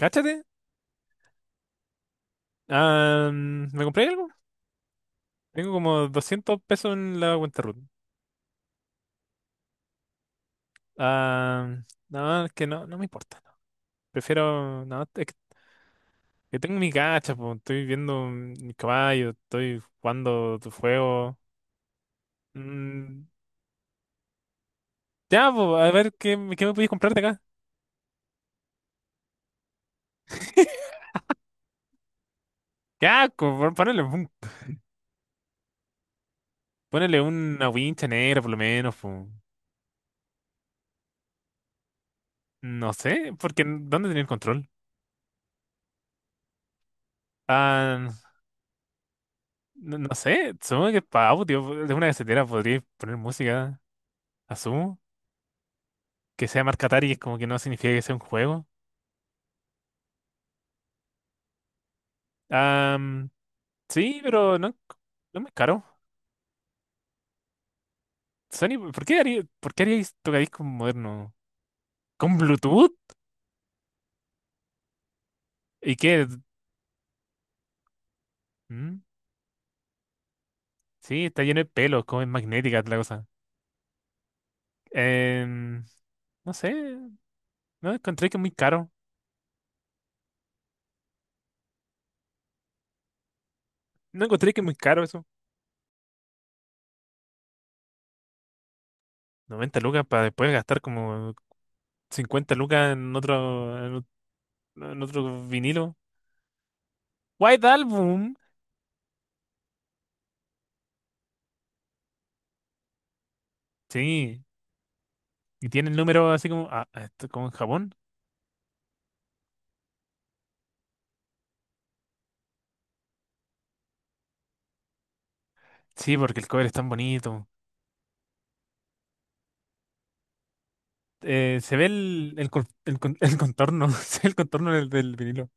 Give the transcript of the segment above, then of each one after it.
Cáchate. Ah, ¿me compré algo? Tengo como 200 pesos en la cuenta Ruth. Ah, no, es que no, no me importa. No. Prefiero. No, es que tengo mi gacha, po. Estoy viendo mi caballo, estoy jugando tu juego. Mm, ya, po, a ver qué, qué me podéis comprar de acá. Ya, ponele una wincha negra por lo menos, po. No sé, porque ¿dónde tenía el control? Ah, no, no sé, supongo que para audio, de una casetera podría poner música. Asumo que sea marca Atari es como que no significa que sea un juego. Am, sí, pero no, no es muy caro. Sony, por qué haríais tocadiscos moderno? ¿Con Bluetooth? ¿Y qué? ¿Mm? Sí, está lleno de pelos, como es magnética la cosa. Em, no sé, no encontré que es muy caro. No encontré que es muy caro eso. 90 lucas para después gastar como 50 lucas en otro, en otro vinilo. White Album. Sí, y tiene el número así como, esto como en Japón. Sí, porque el cover es tan bonito. Se ve el, el contorno, se ve el contorno del vinilo.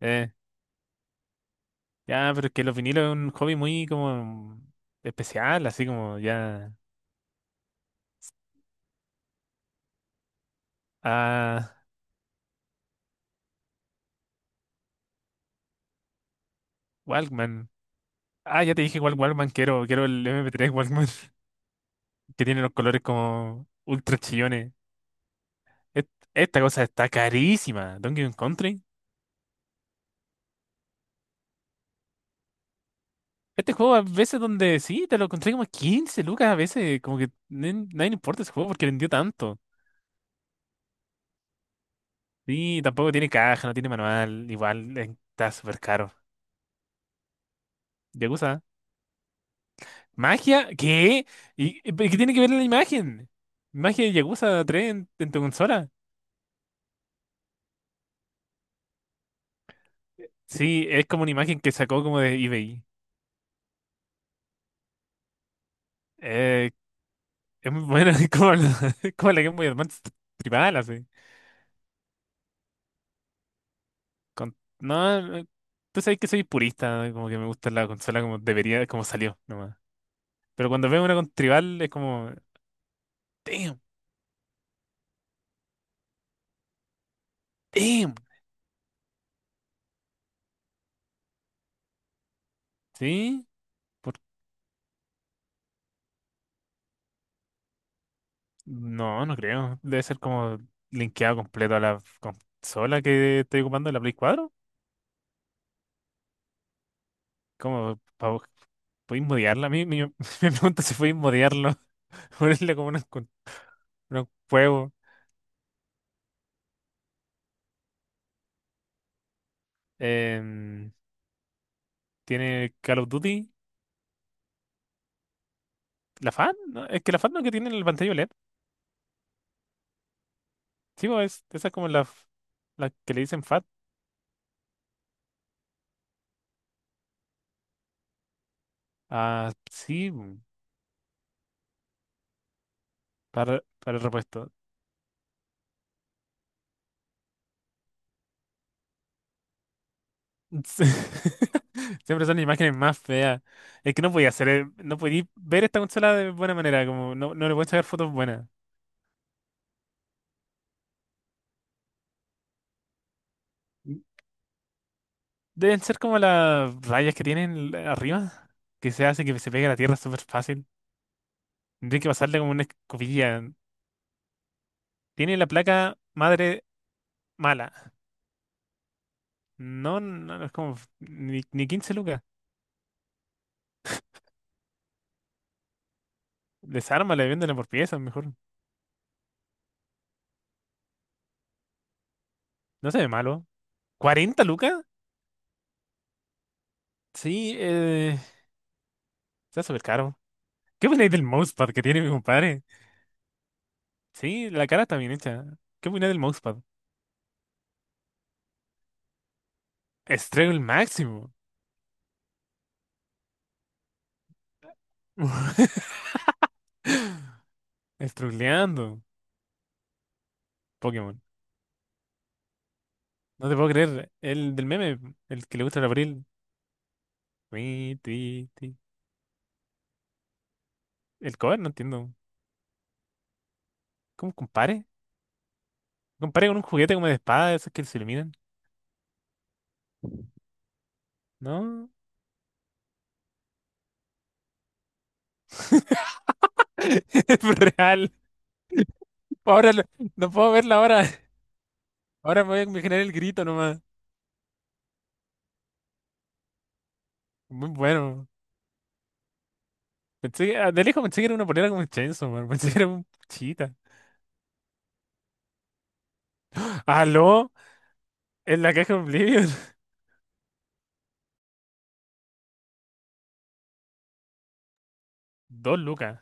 Eh, ya, pero es que los vinilos es un hobby muy como especial, así como ya. Ah, Walkman. Ah, ya te dije cuál Walkman quiero, quiero el MP3 Walkman, que tiene los colores como ultra chillones. Et- Esta cosa está carísima, Donkey Kong Country. Este juego a veces donde sí, te lo encontré como 15 lucas, a veces como que nadie le importa ese juego porque vendió tanto. Sí, tampoco tiene caja, no tiene manual. Igual está súper caro. Yakuza. ¿Magia? ¿Qué? Qué tiene que ver la imagen? ¿Magia de Yakuza 3 en tu consola? Sí, es como una imagen que sacó como de eBay. Eh, es muy buena, es como la Game Boy Advance tribal, así. No, tú sabes que soy purista, como que me gusta la consola como debería, como salió, nomás. Pero cuando veo una con tribal es como, damn, damn, ¿sí? No, no creo. Debe ser como linkeado completo a la consola que estoy ocupando, la Play 4. ¿Cómo? ¿Podéis modearla? A mí me, me pregunto si podéis modearlo. Ponerle como unos juegos. Em, ¿Tiene Call of Duty? ¿La FAT? No, es que la FAT no es que tiene en la pantalla OLED. Sí, bo, esa es como la, la que le dicen FAT. Ah, sí, bo, para el repuesto. Sí. Siempre son imágenes más feas. Es que no podía ver esta consola de buena manera, como no, no le pueden sacar fotos buenas. Deben ser como las rayas que tienen arriba, que se hace que se pegue a la tierra súper fácil. Tendría que pasarle como una escobilla. Tiene la placa madre mala. No, no, no es como ni 15 lucas. Desármala y véndela por piezas, mejor. No se ve malo. ¿40 lucas? Sí, está súper caro. ¿Qué opináis del mousepad que tiene mi compadre? Sí, la cara está bien hecha. ¿Qué opinas del mousepad? Estrego el máximo. Estruleando. Pokémon. No te puedo creer. El del meme, el que le gusta el abril. Tui, tui, tui. El cover, no entiendo. ¿Cómo compare? Compare con un juguete como de espada, de esos que se iluminan. No. Es real. Ahora no puedo verla ahora. Ahora me voy a imaginar el grito nomás. Muy bueno. Pensé que, de lejos pensé que era una polera como Chainsaw Man. Pensé que era un chita. ¿Aló? En la caja de Oblivion. Dos lucas.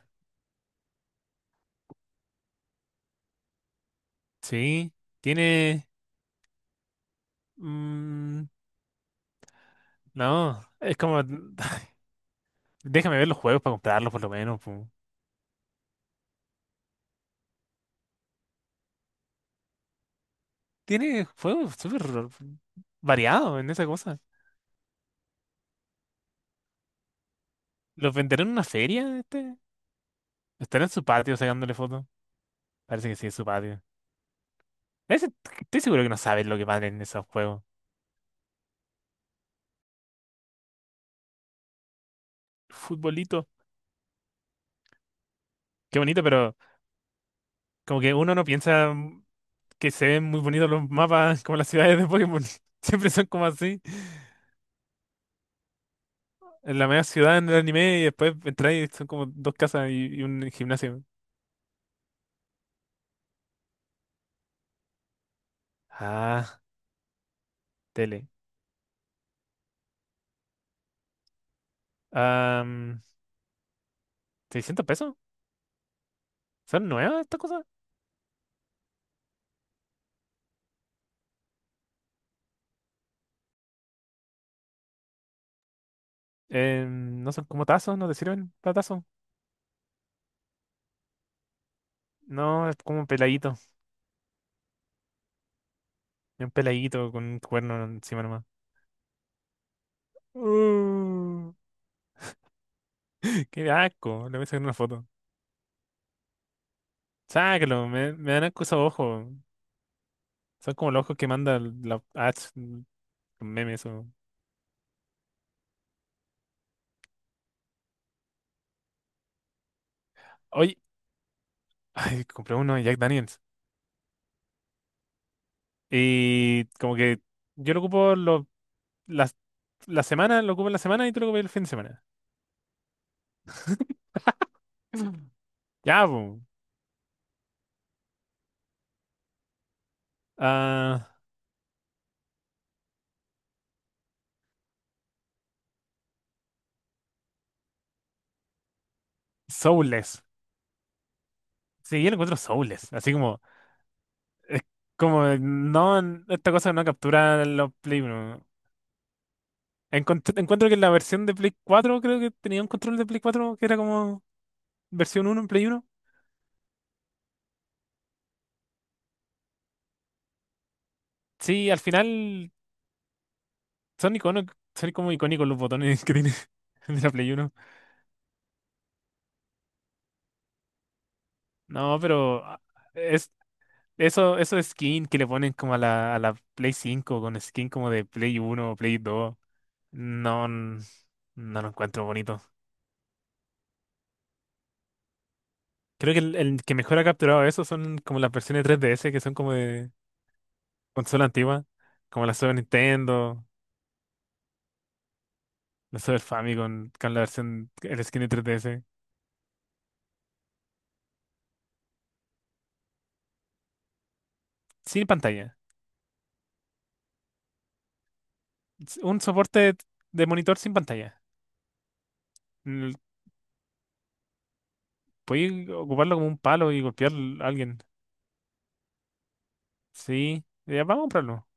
Sí, tiene... mm, no, es como... Déjame ver los juegos para comprarlos por lo menos, pu. Tiene juegos súper variados en esa cosa. ¿Los venderán en una feria este? ¿Estará en su patio sacándole fotos? Parece que sí, es su patio. Ese- Estoy seguro que no saben lo que valen esos juegos. Futbolito. Qué bonito, pero como que uno no piensa que se ven muy bonitos los mapas como las ciudades de Pokémon. Siempre son como así. En la media ciudad en el anime y después entráis y son como dos casas y un gimnasio. Ah, tele. Am, ¿600 pesos? ¿Son nuevas estas cosas? No son como tazos, no te sirven para tazos. No, es como un peladito. Es un peladito con un cuerno encima nomás. Uh, Qué asco, le voy a sacar una foto. Sácalo, me dan asco esos ojos. Son como los ojos que manda la ads, los memes o. Oye, ay, compré uno de Jack Daniels. Y como que yo lo ocupo la, la semana, lo ocupas la semana y tú lo ocupas el fin de semana. Mm. Ya, pues. ah, Soulless. Sí, yo lo encuentro soulless. Así como, es como, no, esta cosa no captura los Play uno. Encuentro que la versión de Play 4 creo que tenía un control de Play 4 que era como versión uno en Play uno. Sí, al final son iconos, son como icónicos los botones que tiene de la Play uno. No, pero es eso skin que le ponen como a la Play 5 con skin como de Play uno o Play dos, no, n- no lo encuentro bonito. Creo que el que mejor ha capturado eso son como las versiones 3DS que son como de consola antigua, como la Super Nintendo, la Super Famicom con la versión, el skin de 3DS, sin pantalla. Un soporte de monitor sin pantalla. L- Podéis ocuparlo como un palo y golpear a alguien. Sí, ya vamos a comprarlo.